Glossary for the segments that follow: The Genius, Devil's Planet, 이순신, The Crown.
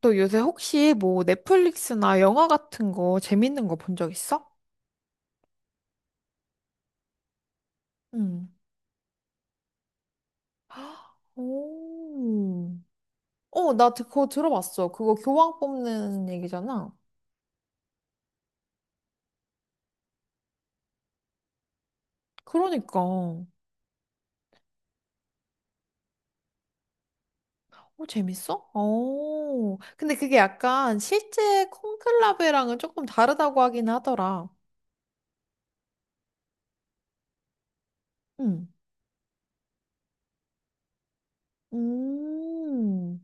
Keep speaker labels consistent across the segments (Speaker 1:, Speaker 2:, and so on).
Speaker 1: 너 요새 혹시 뭐 넷플릭스나 영화 같은 거 재밌는 거 본 적 있어? 응. 오. 어, 나 그거 들어봤어. 그거 교황 뽑는 얘기잖아. 그러니까. 어, 재밌어? 어. 근데 그게 약간 실제 콩클라베랑은 조금 다르다고 하긴 하더라. 응. 음.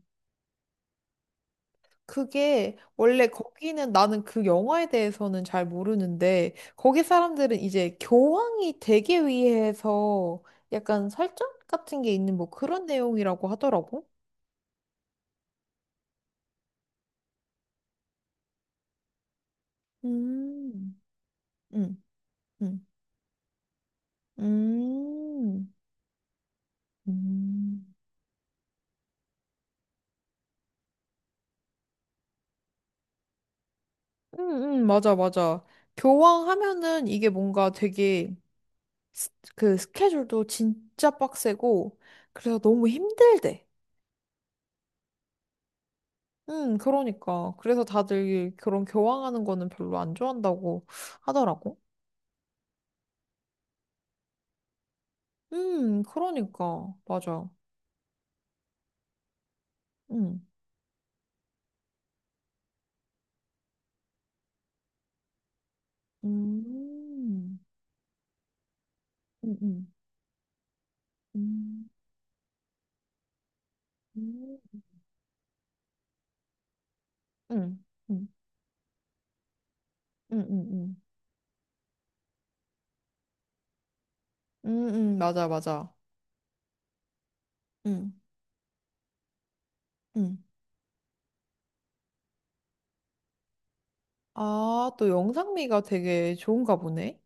Speaker 1: 그게 원래 거기는 나는 그 영화에 대해서는 잘 모르는데, 거기 사람들은 이제 교황이 되기 위해서 약간 설정 같은 게 있는 뭐 그런 내용이라고 하더라고. 음, 음, 음, 음, 음, 맞아, 맞아. 교황 하면은 이게 뭔가 되게 그 스케줄도 진짜 빡세고 그래서 너무 힘들대. 그러니까. 그래서 다들 그런 교황하는 거는 별로 안 좋아한다고 하더라고. 그러니까. 맞아. 음. 음. 음, 음. 음. 음. 음. 음. 음. 음. 음. 음. 음. 맞아, 맞아. 음. 음. 아, 또 영상미가 되게 좋은가 보네.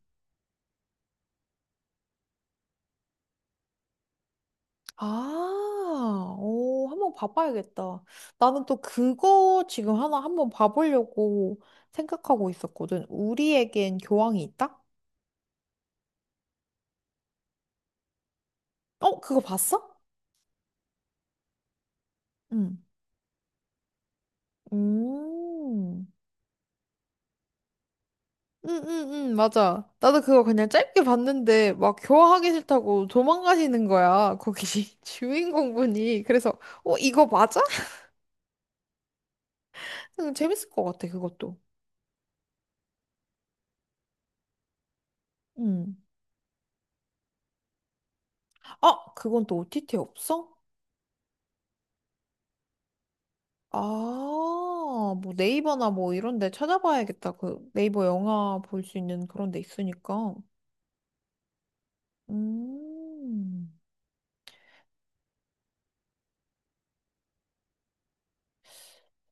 Speaker 1: 아, 오, 한번 봐봐야겠다. 나는 또 그거 지금 하나 한번 봐보려고 생각하고 있었거든. 우리에겐 교황이 있다? 어, 그거 봤어? 응. 음. 응, 응, 응, 맞아. 나도 그거 그냥 짧게 봤는데, 막 교화하기 싫다고 도망가시는 거야. 거기 주인공분이. 그래서, 어, 이거 맞아? 응, 재밌을 것 같아, 그것도. 응. 아, 그건 또 OTT 없어? 아, 뭐 네이버나 뭐 이런 데 찾아봐야겠다. 그 네이버 영화 볼 수 있는 그런 데 있으니까. 음,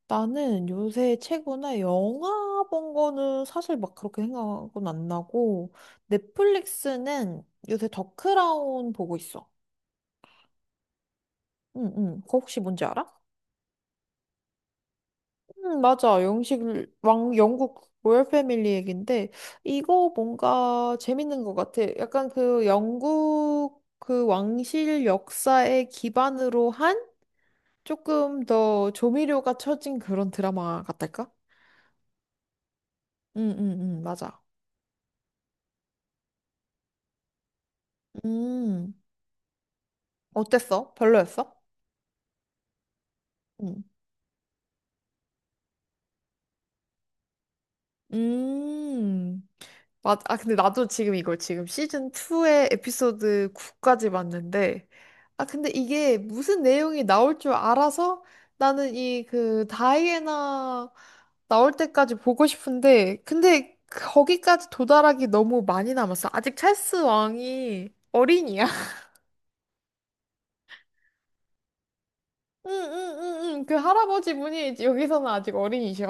Speaker 1: 나는 요새 최근에 영화 본 거는 사실 막 그렇게 생각은 안 나고, 넷플릭스는 요새 더 크라운 보고 있어. 응, 응. 그거 혹시 뭔지 알아? 맞아. 영국 로열 패밀리 얘긴데, 이거 뭔가 재밌는 것 같아. 약간 그 영국 그 왕실 역사에 기반으로 한 조금 더 조미료가 쳐진 그런 드라마 같달까? 응, 응, 응, 맞아. 음, 어땠어? 별로였어? 응. 음. 아, 근데 나도 지금 이걸 지금 시즌 2의 에피소드 9까지 봤는데, 아, 근데 이게 무슨 내용이 나올 줄 알아서 나는 이 그 다이애나 나올 때까지 보고 싶은데, 근데 거기까지 도달하기 너무 많이 남았어. 아직 찰스 왕이 어린이야. 응, 응, 응, 응. 그 할아버지 분이 여기서는 아직 어린이셔.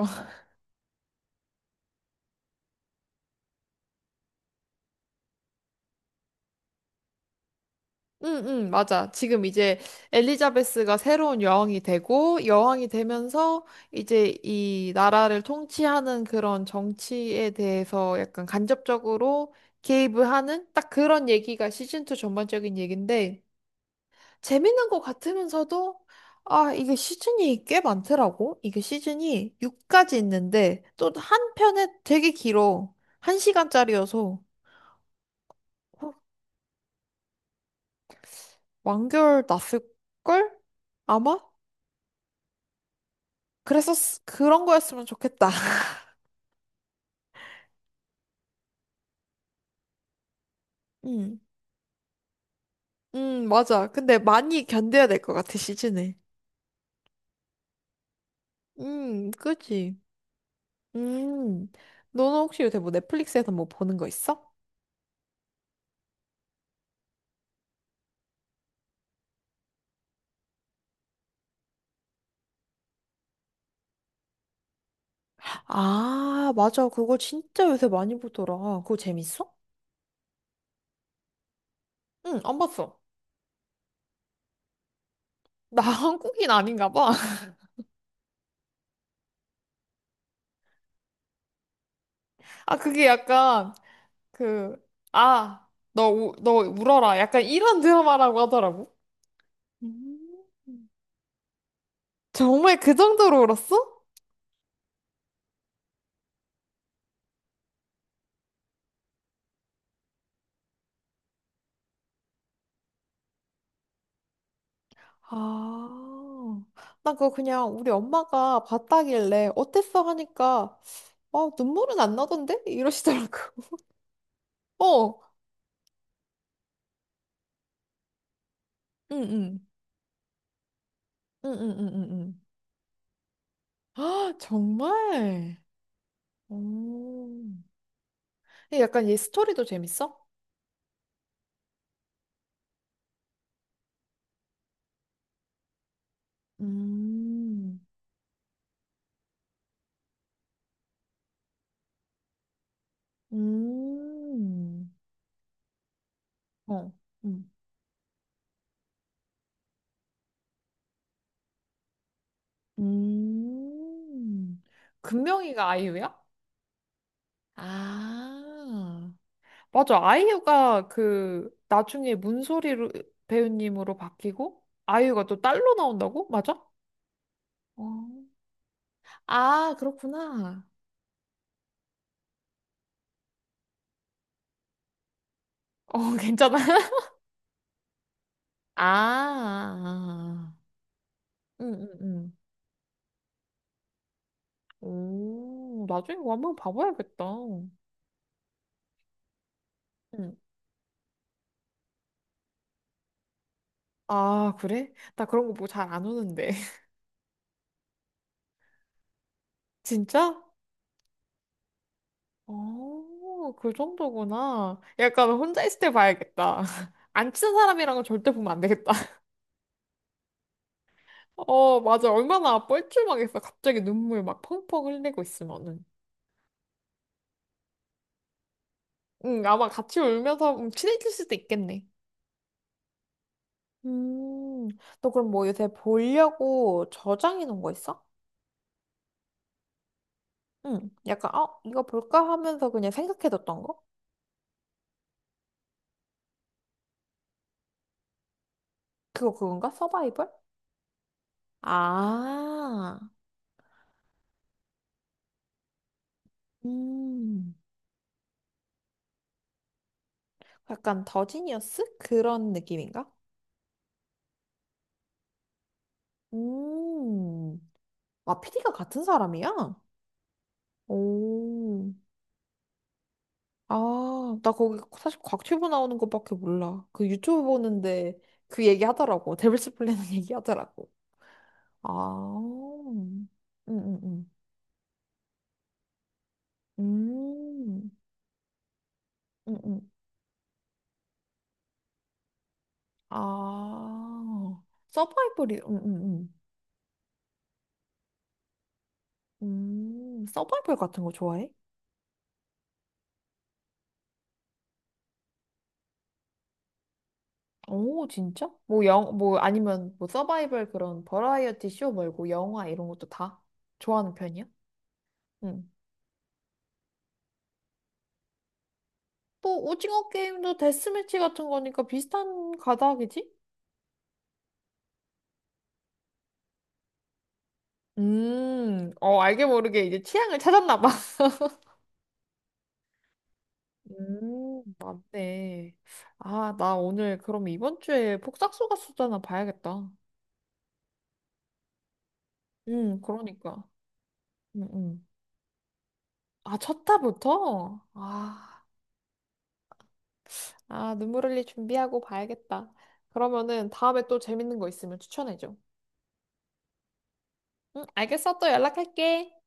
Speaker 1: 응, 응, 맞아. 지금 이제 엘리자베스가 새로운 여왕이 되고, 여왕이 되면서 이제 이 나라를 통치하는 그런 정치에 대해서 약간 간접적으로 개입을 하는 딱 그런 얘기가 시즌2 전반적인 얘기인데, 재밌는 것 같으면서도, 아, 이게 시즌이 꽤 많더라고. 이게 시즌이 6까지 있는데, 또 한 편에 되게 길어. 한시간짜리여서 완결 났을걸? 아마? 그런 거였으면 좋겠다. 응. 응, 맞아. 근데 많이 견뎌야 될 것 같아, 시즌에. 그지. 음, 너는 혹시 요새 뭐 넷플릭스에서 뭐 보는 거 있어? 아, 맞아. 그거 진짜 요새 많이 보더라. 그거 재밌어? 응, 안 봤어. 나 한국인 아닌가 봐. 아, 그게 약간, 그, 아, 너 울어라. 약간 이런 드라마라고 하더라고. 음. 정말 그 정도로 울었어? 아, 나 그거 그냥 우리 엄마가 봤다길래 어땠어 하니까 어, 눈물은 안 나던데? 이러시더라고. 어, 응, 응, 응, 응, 응, 응. 응. 아, 정말? 오. 근데 약간 얘 스토리도 재밌어? 음, 음, 어, 음, 음. 금명이가 아이유야? 아. 맞아. 아이유가 그 나중에 문소리로 배우님으로 바뀌고 아이유가 또 딸로 나온다고? 맞아? 어. 아, 그렇구나. 어, 괜찮아. 아. 응, 응, 응. 오, 나중에 이거 한번 봐봐야겠다. 응. 아, 그래? 나 그런 거 보고 잘 안 우는데. 진짜? 어, 그 정도구나. 약간 혼자 있을 때 봐야겠다. 안 친한 사람이랑은 절대 보면 안 되겠다. 어, 맞아. 얼마나 뻘쭘하겠어. 갑자기 눈물 막 펑펑 흘리고 있으면은. 응, 아마 같이 울면서 친해질 수도 있겠네. 음, 너 그럼 뭐 요새 보려고 저장해 놓은 거 있어? 응, 약간, 어, 이거 볼까 하면서 그냥 생각해 뒀던 거? 그거 그건가? 서바이벌? 아, 음, 약간 더지니어스? 그런 느낌인가? 음, 아, PD가 같은 사람이야? 오. 아, 나 거기 사실 곽튜브 나오는 것밖에 몰라. 그 유튜브 보는데 그 얘기 하더라고. 데빌스 플래닛 얘기 하더라고. 아, 음, 음, 음. 음, 음, 음. 아, 서바이벌이, 서바이벌 같은 거 좋아해? 오, 진짜? 뭐 뭐 아니면 뭐 서바이벌 그런 버라이어티 쇼 말고 영화 이런 것도 다 좋아하는 편이야? 응. 또 오징어 게임도 데스매치 같은 거니까 비슷한 가닥이지? 어, 알게 모르게 이제 취향을 찾았나 봐. 맞네. 아, 나 오늘 그럼 이번 주에 폭삭소가 수다나 봐야겠다. 그러니까. 음, 음. 아, 첫 타부터? 아, 아, 눈물 흘릴 준비하고 봐야겠다. 그러면은 다음에 또 재밌는 거 있으면 추천해줘. 응, 알겠어. 또 연락할게.